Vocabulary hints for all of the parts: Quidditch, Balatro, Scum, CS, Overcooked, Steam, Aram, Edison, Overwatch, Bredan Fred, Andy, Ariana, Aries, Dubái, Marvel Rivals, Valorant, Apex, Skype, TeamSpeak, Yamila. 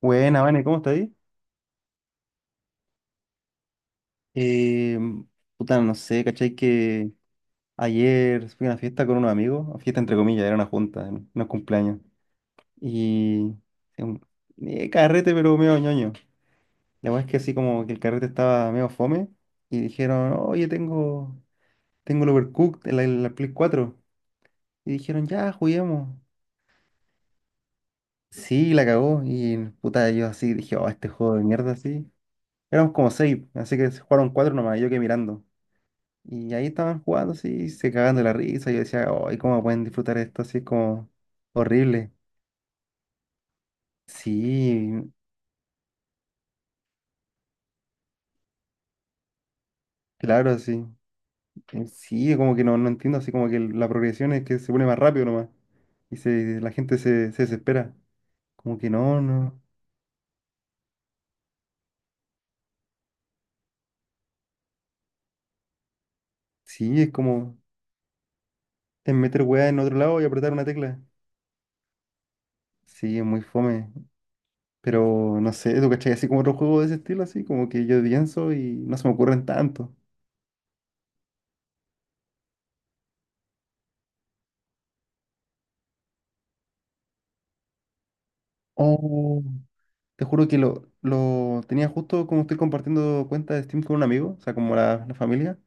Buena, Vane, ¿cómo está ahí? Eh, Puta, no sé, ¿cachai? Que ayer fui a una fiesta con unos amigos, una fiesta entre comillas, era una junta, era unos cumpleaños. Y eh, un- Carrete, pero medio ñoño. La verdad es que así como que el carrete estaba medio fome y dijeron, oye, tengo el Overcooked, la Play cuatro. Y dijeron, ya, juguemos. Sí, la cagó. Y puta, yo así dije, oh, este juego de mierda, así. Éramos como seis, así que se jugaron cuatro nomás, y yo quedé mirando. Y ahí estaban jugando así, y se cagando de la risa. Yo decía, ay, ¿cómo pueden disfrutar esto así? Es como horrible. Sí, claro, sí. Sí, como que no, no entiendo, así como que la progresión es que se pone más rápido nomás. Y la gente se desespera. Como que no, no. Sí, es como es meter weá en otro lado y apretar una tecla. Sí, es muy fome. Pero no sé, ¿tú cachai? Así como otro juego de ese estilo, así como que yo pienso y no se me ocurren tanto. Oh. Te juro que lo tenía justo como estoy compartiendo cuenta de Steam con un amigo, o sea, como la familia.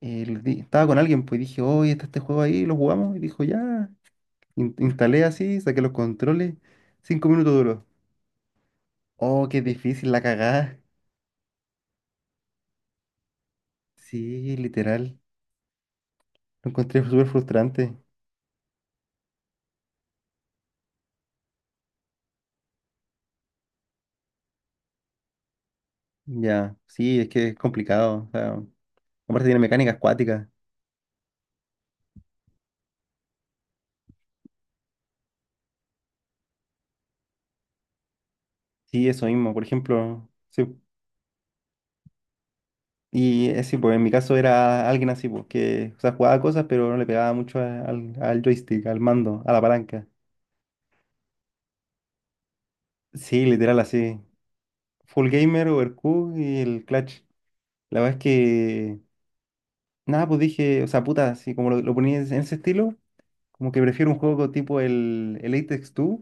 Estaba con alguien, pues y dije, oye, está este juego ahí, lo jugamos. Y dijo, ya. Instalé así, saqué los controles. Cinco minutos duró. Oh, qué difícil la cagada. Sí, literal. Lo encontré súper frustrante. Ya, sí, es que es complicado. O sea, aparte tiene mecánicas acuáticas. Sí, eso mismo. Por ejemplo, sí, sí, pues en mi caso era alguien así, pues que, o sea, jugaba cosas, pero no le pegaba mucho al joystick, al mando, a la palanca. Sí, literal así. Full Gamer, Overcooked y el Clutch. La verdad es que, nada, pues dije, o sea, puta, así como lo ponía en ese estilo, como que prefiero un juego tipo el Apex 2,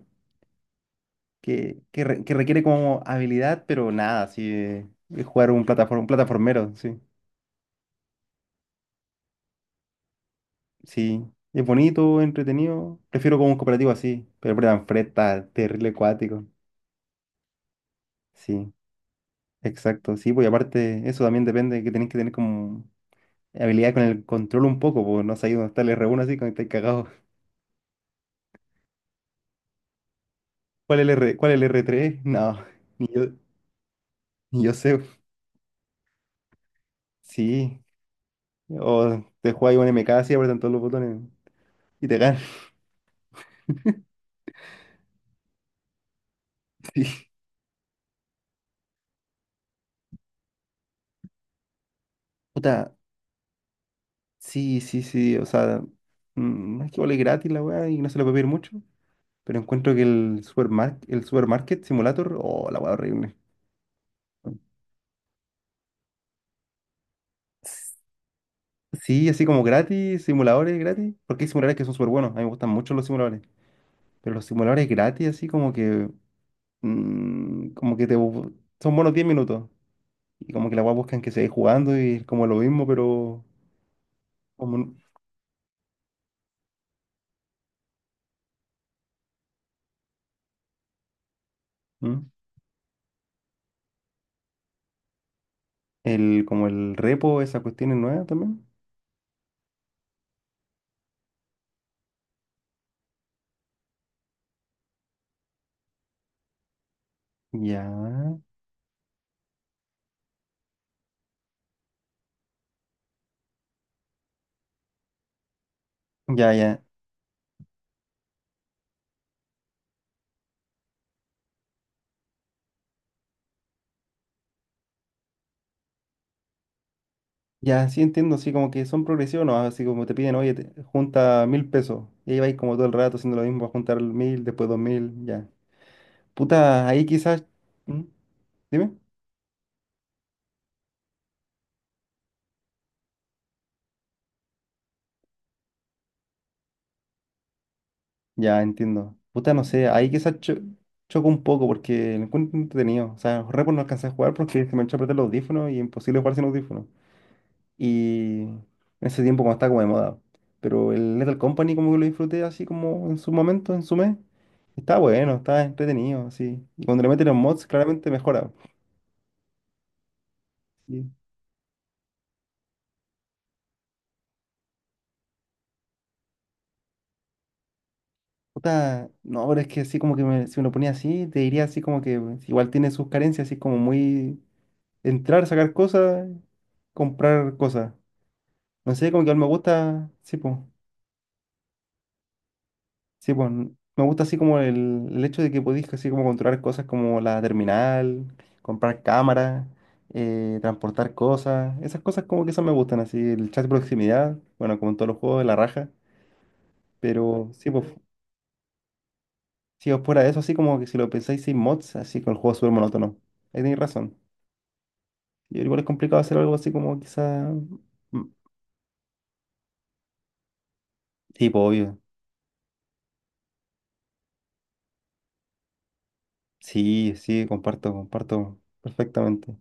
que requiere como habilidad, pero nada, así, es jugar un plataformero, sí. Sí, es bonito, entretenido. Prefiero como un cooperativo así, pero Bredan Fred está terrible acuático. Sí, exacto. Sí, pues y aparte, eso también depende que tenés que tener como habilidad con el control un poco, porque no sabéis dónde está el r uno así, cuando estáis cagados. ¿Cuál es el R, cuál es el r tres? No, ni yo, ni yo sé. Sí, o te juegas un M K así, apretan todos los botones y te ganan. Sí. Puta, sí, sí, sí, o sea, es que vale gratis la weá y no se le puede pedir mucho. Pero encuentro que el supermarket simulator, oh, la hueá horrible. S- Sí, así como gratis, simuladores gratis. Porque hay simuladores que son súper buenos. A mí me gustan mucho los simuladores. Pero los simuladores gratis, así como que mm, como que te. bu- son buenos 10 minutos. Y como que la weá buscan que se jugando y es como lo mismo, pero. Como, n- ¿Mm? El, como el repo, esa cuestión es nueva también. Ya. Ya, ya. Ya, sí entiendo, así como que son progresivos, ¿no? Así como te piden, oye, junta mil pesos. Y ahí vais como todo el rato haciendo lo mismo, a juntar mil, después dos mil, ya. Puta, ahí quizás... ¿Mm? Dime. Ya, entiendo. Puta, no sé, ahí quizás choco un poco porque lo encuentro entretenido. O sea, Repo no alcancé a jugar porque se me echó a perder los audífonos y imposible jugar sin audífonos. Y en ese tiempo cuando estaba como de moda. Pero el Lethal Company como que lo disfruté así como en su momento, en su mes. Está bueno, está entretenido, así. Y cuando le meten los mods, claramente mejora. Sí. Puta, no, pero es que así como que si me lo ponía así, te diría así como que pues, igual tiene sus carencias, así como muy entrar, sacar cosas, comprar cosas. No sé, como que igual me gusta, sí, pues. Sí, pues me gusta así como el hecho de que podéis así como controlar cosas como la terminal, comprar cámaras, transportar cosas, esas cosas como que esas me gustan, así el chat de proximidad, bueno, como en todos los juegos de la raja, pero sí, pues si os fuera de eso, así como que si lo pensáis sin mods, así con el juego es súper monótono, ahí tenéis razón. Y igual es complicado hacer algo así como quizá... Mm, sí, pues obvio, sí, sí, comparto, comparto perfectamente.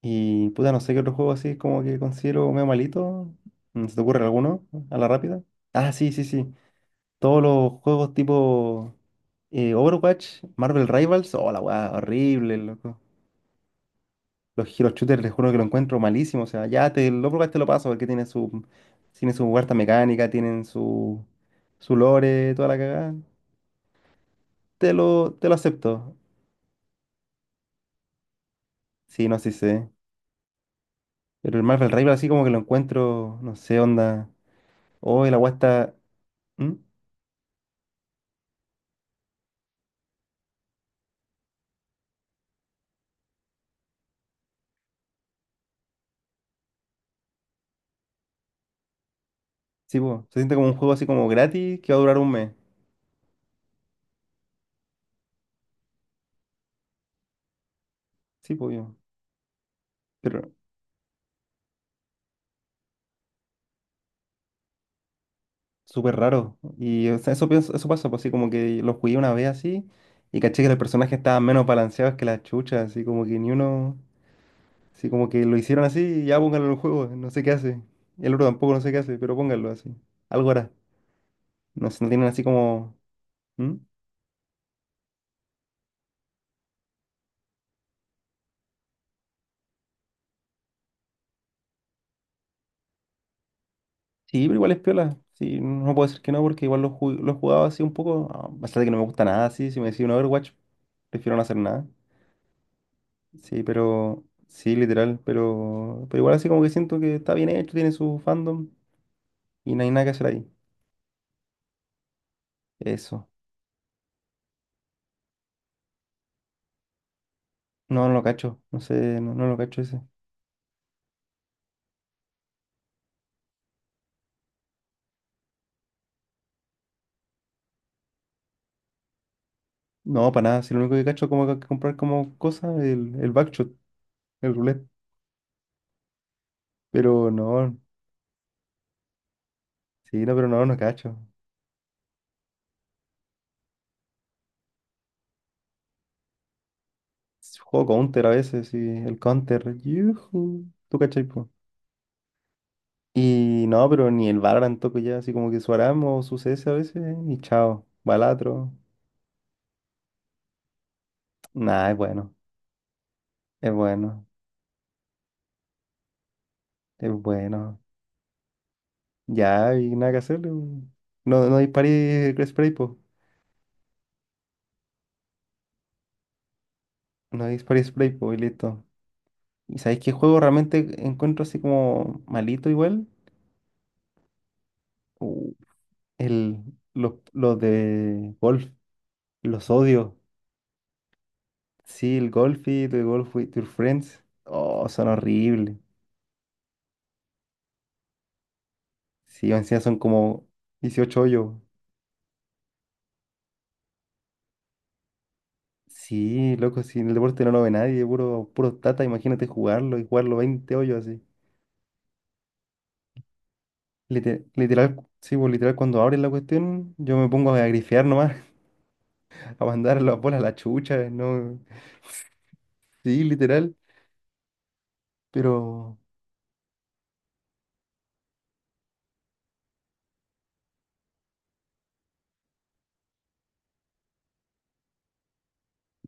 Y puta, no sé qué otro juego así como que considero medio malito. Mm, ¿se te ocurre alguno a la rápida? Ah, sí, sí, sí. Todos los juegos tipo Overwatch, Marvel Rivals. Oh, la weá, horrible, loco. Los Hero Shooters, les juro que lo encuentro malísimo. O sea, ya te, el Overwatch te lo paso porque tiene tiene su huerta mecánica, su lore, toda la cagada. Te lo acepto. Sí, no, sí sé. Pero el Marvel Rivals así como que lo encuentro, no sé, onda. Oh, la weá está. ¿Mm? Sí, po, se siente como un juego así como gratis que va a durar un mes. Sí, pues yo. Pero súper raro. Y o sea, eso pienso, eso pasa, pues así como que lo jugué una vez así y caché que los personajes estaban menos balanceados que las chuchas, así como que ni uno, así como que lo hicieron así y ya pónganlo en el juego, no sé qué hace. Y el otro tampoco no sé qué hace, pero pónganlo así. Algo hará. No sé, no tienen así como... ¿Mm? Sí, pero igual es piola. Sí, no puedo decir que no porque igual lo he jugado así un poco, a pesar de que no me gusta nada así, si me decís un Overwatch, prefiero no hacer nada. Sí, pero sí, literal, pero igual así como que siento que está bien hecho, tiene su fandom y no hay nada que hacer ahí. Eso. No, no lo cacho, no sé, no lo cacho ese. No, para nada, si lo único que cacho es como que comprar como cosa el backshot, el roulette. Pero no, sí, no, pero no, no cacho. Juego counter a veces, sí, el counter, yujú, tú cachai, po. Y no, pero ni el Valorant toco ya, así como que su Aram o su CS a veces, y chao, Balatro. Nah, es bueno, es bueno. Es bueno. Ya, hay nada que hacer. No, no disparé spray, po. No disparé spray, po, y listo. ¿Y sabéis qué juego realmente encuentro así como malito igual? Uh, El, los de golf. Los odio. Sí, el golf y tu golf with your friends. Oh, son horribles. Sí, encima son como 18 hoyos. Sí, loco, si en el deporte no lo ve nadie, puro, puro tata, imagínate jugarlo y jugarlo 20 hoyos así. Literal, sí, pues, literal, cuando abres la cuestión, yo me pongo a grifear nomás, a mandar las bolas a la chucha, ¿no? Sí, literal, pero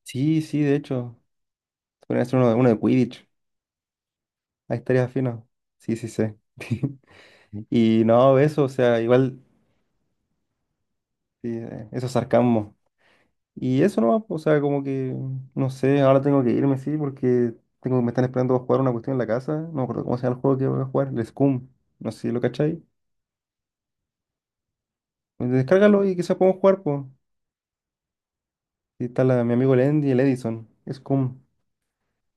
sí, sí, de hecho, podría hacer uno de Quidditch, ahí estaría fino. Sí, sí, sé. Y no, eso, o sea, igual, sí, eso es sarcasmo. Y eso nomás, o sea, como que, no sé, ahora tengo que irme, sí, porque tengo, me están esperando a jugar una cuestión en la casa, no me acuerdo cómo se llama el juego que voy a jugar, el Scum, no sé si lo cacháis. Descárgalo y quizás podemos jugar, pues. Y está mi amigo el Andy, y el Edison, es.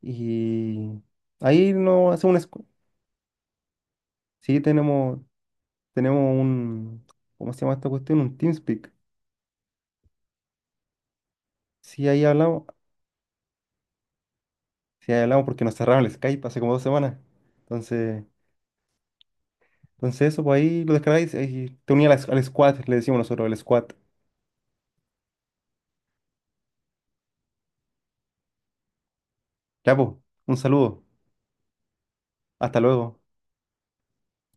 Y ahí no hace un sí, tenemos un. ¿Cómo se llama esta cuestión? Un TeamSpeak. Sí, ahí hablamos. Sí, ahí hablamos porque nos cerraron el Skype hace como dos semanas. Entonces, entonces eso, pues ahí lo descargáis y te uní al squad, le decimos nosotros, el squad. Ya, pues, un saludo. Hasta luego.